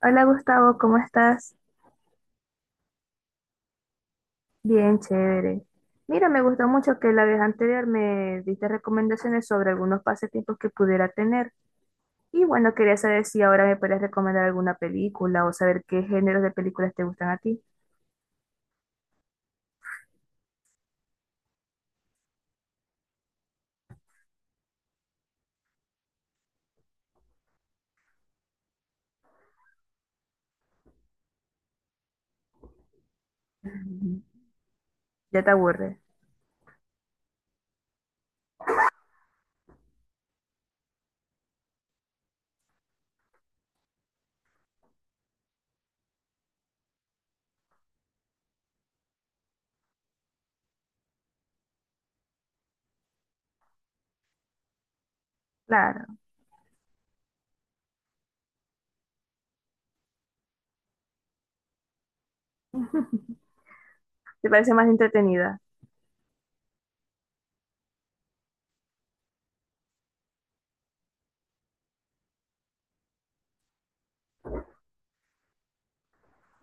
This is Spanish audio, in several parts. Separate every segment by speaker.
Speaker 1: Hola Gustavo, ¿cómo estás? Bien, chévere. Mira, me gustó mucho que la vez anterior me diste recomendaciones sobre algunos pasatiempos que pudiera tener. Y bueno, quería saber si ahora me puedes recomendar alguna película o saber qué géneros de películas te gustan a ti. Ujú. Ya te aburre. Claro, te parece más entretenida.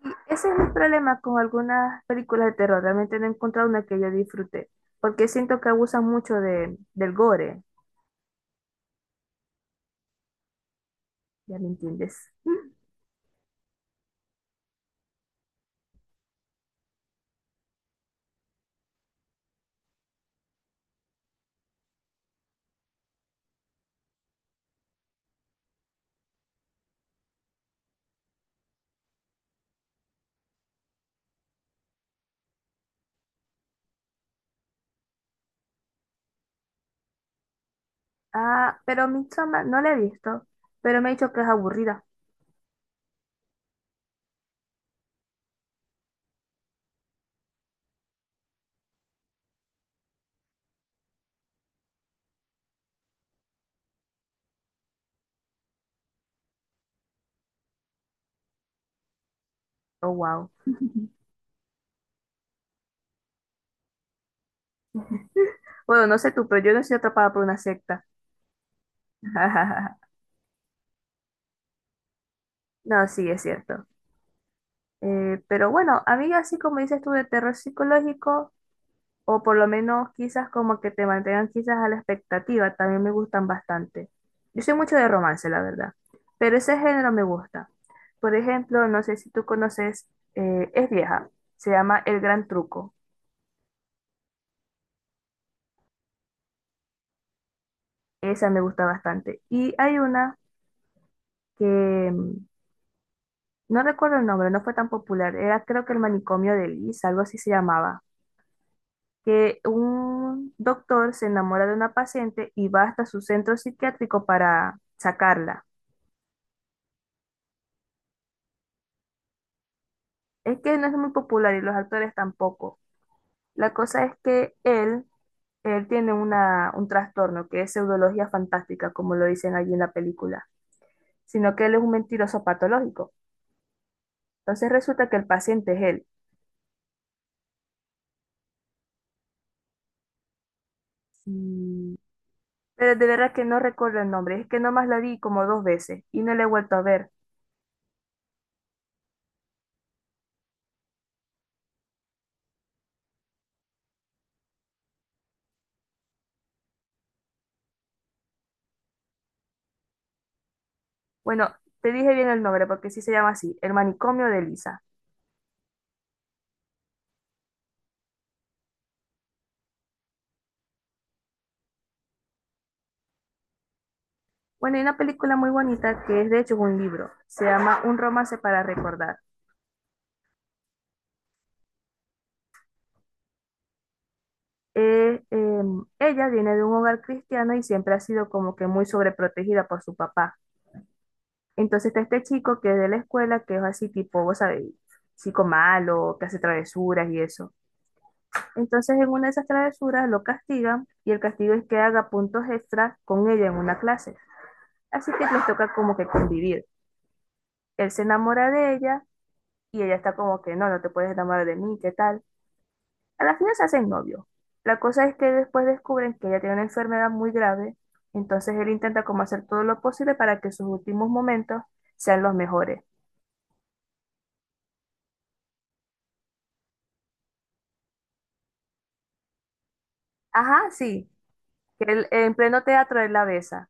Speaker 1: Y ese es mi problema con algunas películas de terror. Realmente no he encontrado una que yo disfrute, porque siento que abusan mucho del gore. ¿Ya me entiendes? Ah, pero Midsommar no la he visto, pero me ha dicho que es aburrida. Oh, wow. Bueno, no sé tú, pero yo no soy atrapada por una secta. No, sí, es cierto. Pero bueno, a mí así como dices tú de terror psicológico, o por lo menos quizás como que te mantengan quizás a la expectativa, también me gustan bastante. Yo soy mucho de romance, la verdad, pero ese género me gusta. Por ejemplo, no sé si tú conoces, es vieja, se llama El Gran Truco. Esa me gusta bastante. Y hay una que mm, no recuerdo el nombre, no fue tan popular. Era creo que el manicomio de Liz, algo así se llamaba. Que un doctor se enamora de una paciente y va hasta su centro psiquiátrico para sacarla. Es que no es muy popular y los actores tampoco. La cosa es que él tiene un trastorno que es pseudología fantástica, como lo dicen allí en la película, sino que él es un mentiroso patológico. Entonces resulta que el paciente es él. Sí. Pero de verdad que no recuerdo el nombre, es que nomás la vi como dos veces y no la he vuelto a ver. Bueno, te dije bien el nombre porque sí se llama así, El manicomio de Lisa. Bueno, hay una película muy bonita que es de hecho un libro, se llama Un romance para recordar. Ella viene de un hogar cristiano y siempre ha sido como que muy sobreprotegida por su papá. Entonces está este chico que es de la escuela, que es así tipo, vos sabés, chico malo, que hace travesuras y eso. Entonces, en una de esas travesuras lo castigan y el castigo es que haga puntos extras con ella en una clase. Así que les toca como que convivir. Él se enamora de ella y ella está como que no, no te puedes enamorar de mí, ¿qué tal? A la final se hacen novios. La cosa es que después descubren que ella tiene una enfermedad muy grave, entonces él intenta como hacer todo lo posible para que sus últimos momentos sean los mejores. Ajá, sí, que él- en pleno teatro él la besa.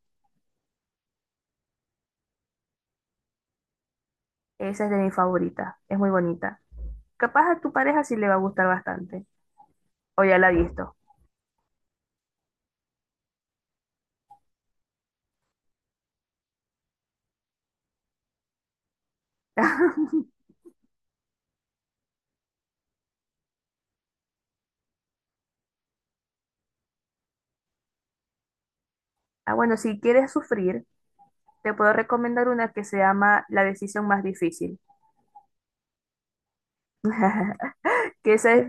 Speaker 1: Esa es de mi favorita, es muy bonita. Capaz a tu pareja sí le va a gustar bastante. O ya la he visto. Ah, bueno, si quieres sufrir, te puedo recomendar una que se llama La decisión más difícil. Que esa es...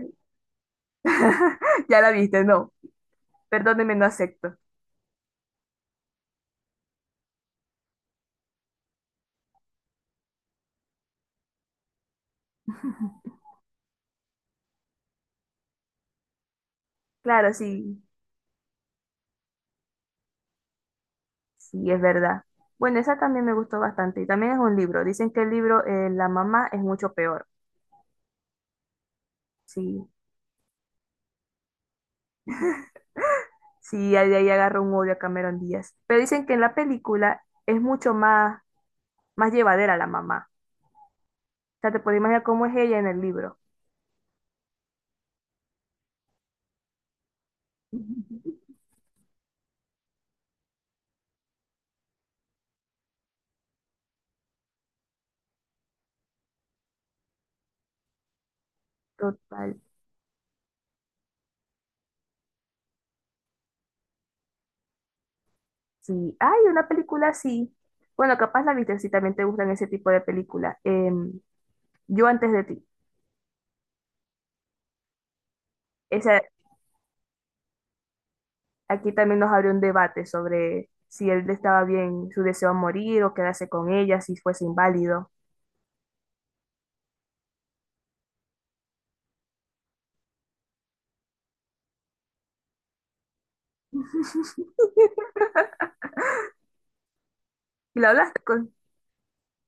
Speaker 1: Ya la viste, no. Perdóneme, no acepto. Claro, sí, sí, es verdad. Bueno, esa también me gustó bastante. Y también es un libro. Dicen que el libro la mamá es mucho peor. Sí, sí, ahí, ahí agarro un odio a Cameron Díaz. Pero dicen que en la película es mucho más llevadera la mamá. O sea, te puedes imaginar cómo es ella en el libro. Total. Sí, hay una película así. Bueno, capaz la viste si también te gustan ese tipo de películas. Em, Yo antes de ti. Esa, aquí también nos abrió un debate sobre si él estaba bien, su deseo de morir o quedarse con ella, si fuese inválido. Y lo hablaste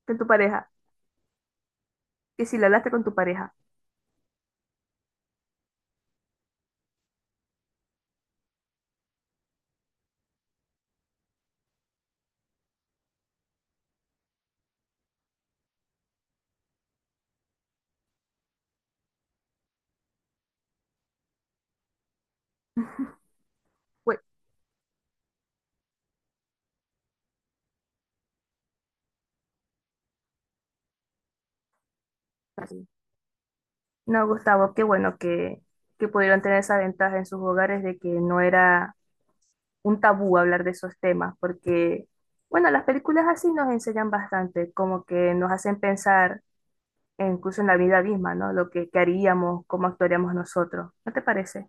Speaker 1: con tu pareja. Que si lo hablaste con tu pareja. Fue así. No, Gustavo, qué bueno que pudieron tener esa ventaja en sus hogares de que no era un tabú hablar de esos temas, porque, bueno, las películas así nos enseñan bastante, como que nos hacen pensar e incluso en la vida misma, ¿no? Que haríamos, cómo actuaríamos nosotros. ¿No te parece?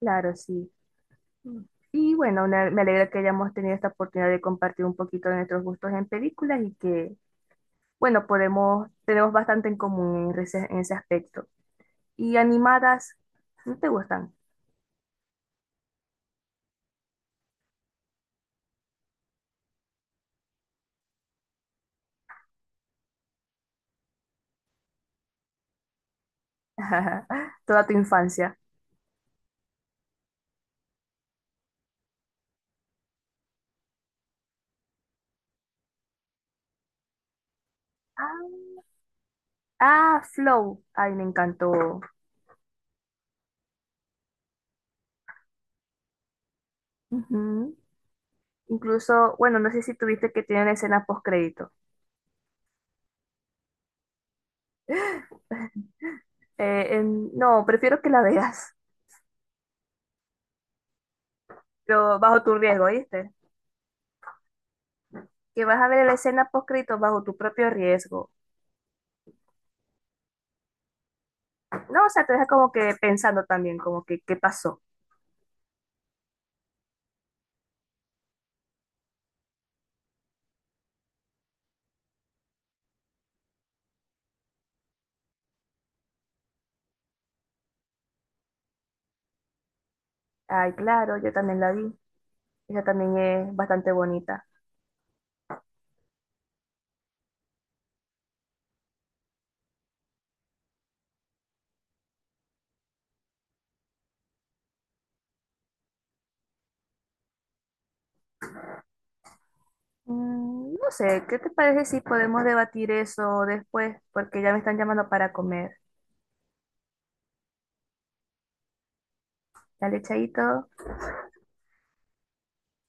Speaker 1: Claro, sí. Mm. Y bueno, una- me alegra que hayamos tenido esta oportunidad de compartir un poquito de nuestros gustos en películas y que, bueno, podemos, tenemos bastante en común en ese aspecto. Y animadas, ¿no te gustan? Toda tu infancia. Ah, ah, Flow. Ay, me encantó. Ujú. Incluso, bueno, no sé si tuviste que tienen escena post crédito. No, prefiero que la veas, pero bajo tu riesgo, ¿viste? Que vas a ver la escena post crédito bajo tu propio riesgo. No, o sea, te deja como que pensando también, como que qué pasó. Ay, claro, yo también la vi. Ella también es bastante bonita. Mm, no sé, ¿qué te parece si podemos debatir eso después? Porque ya me están llamando para comer. Dale, chaito.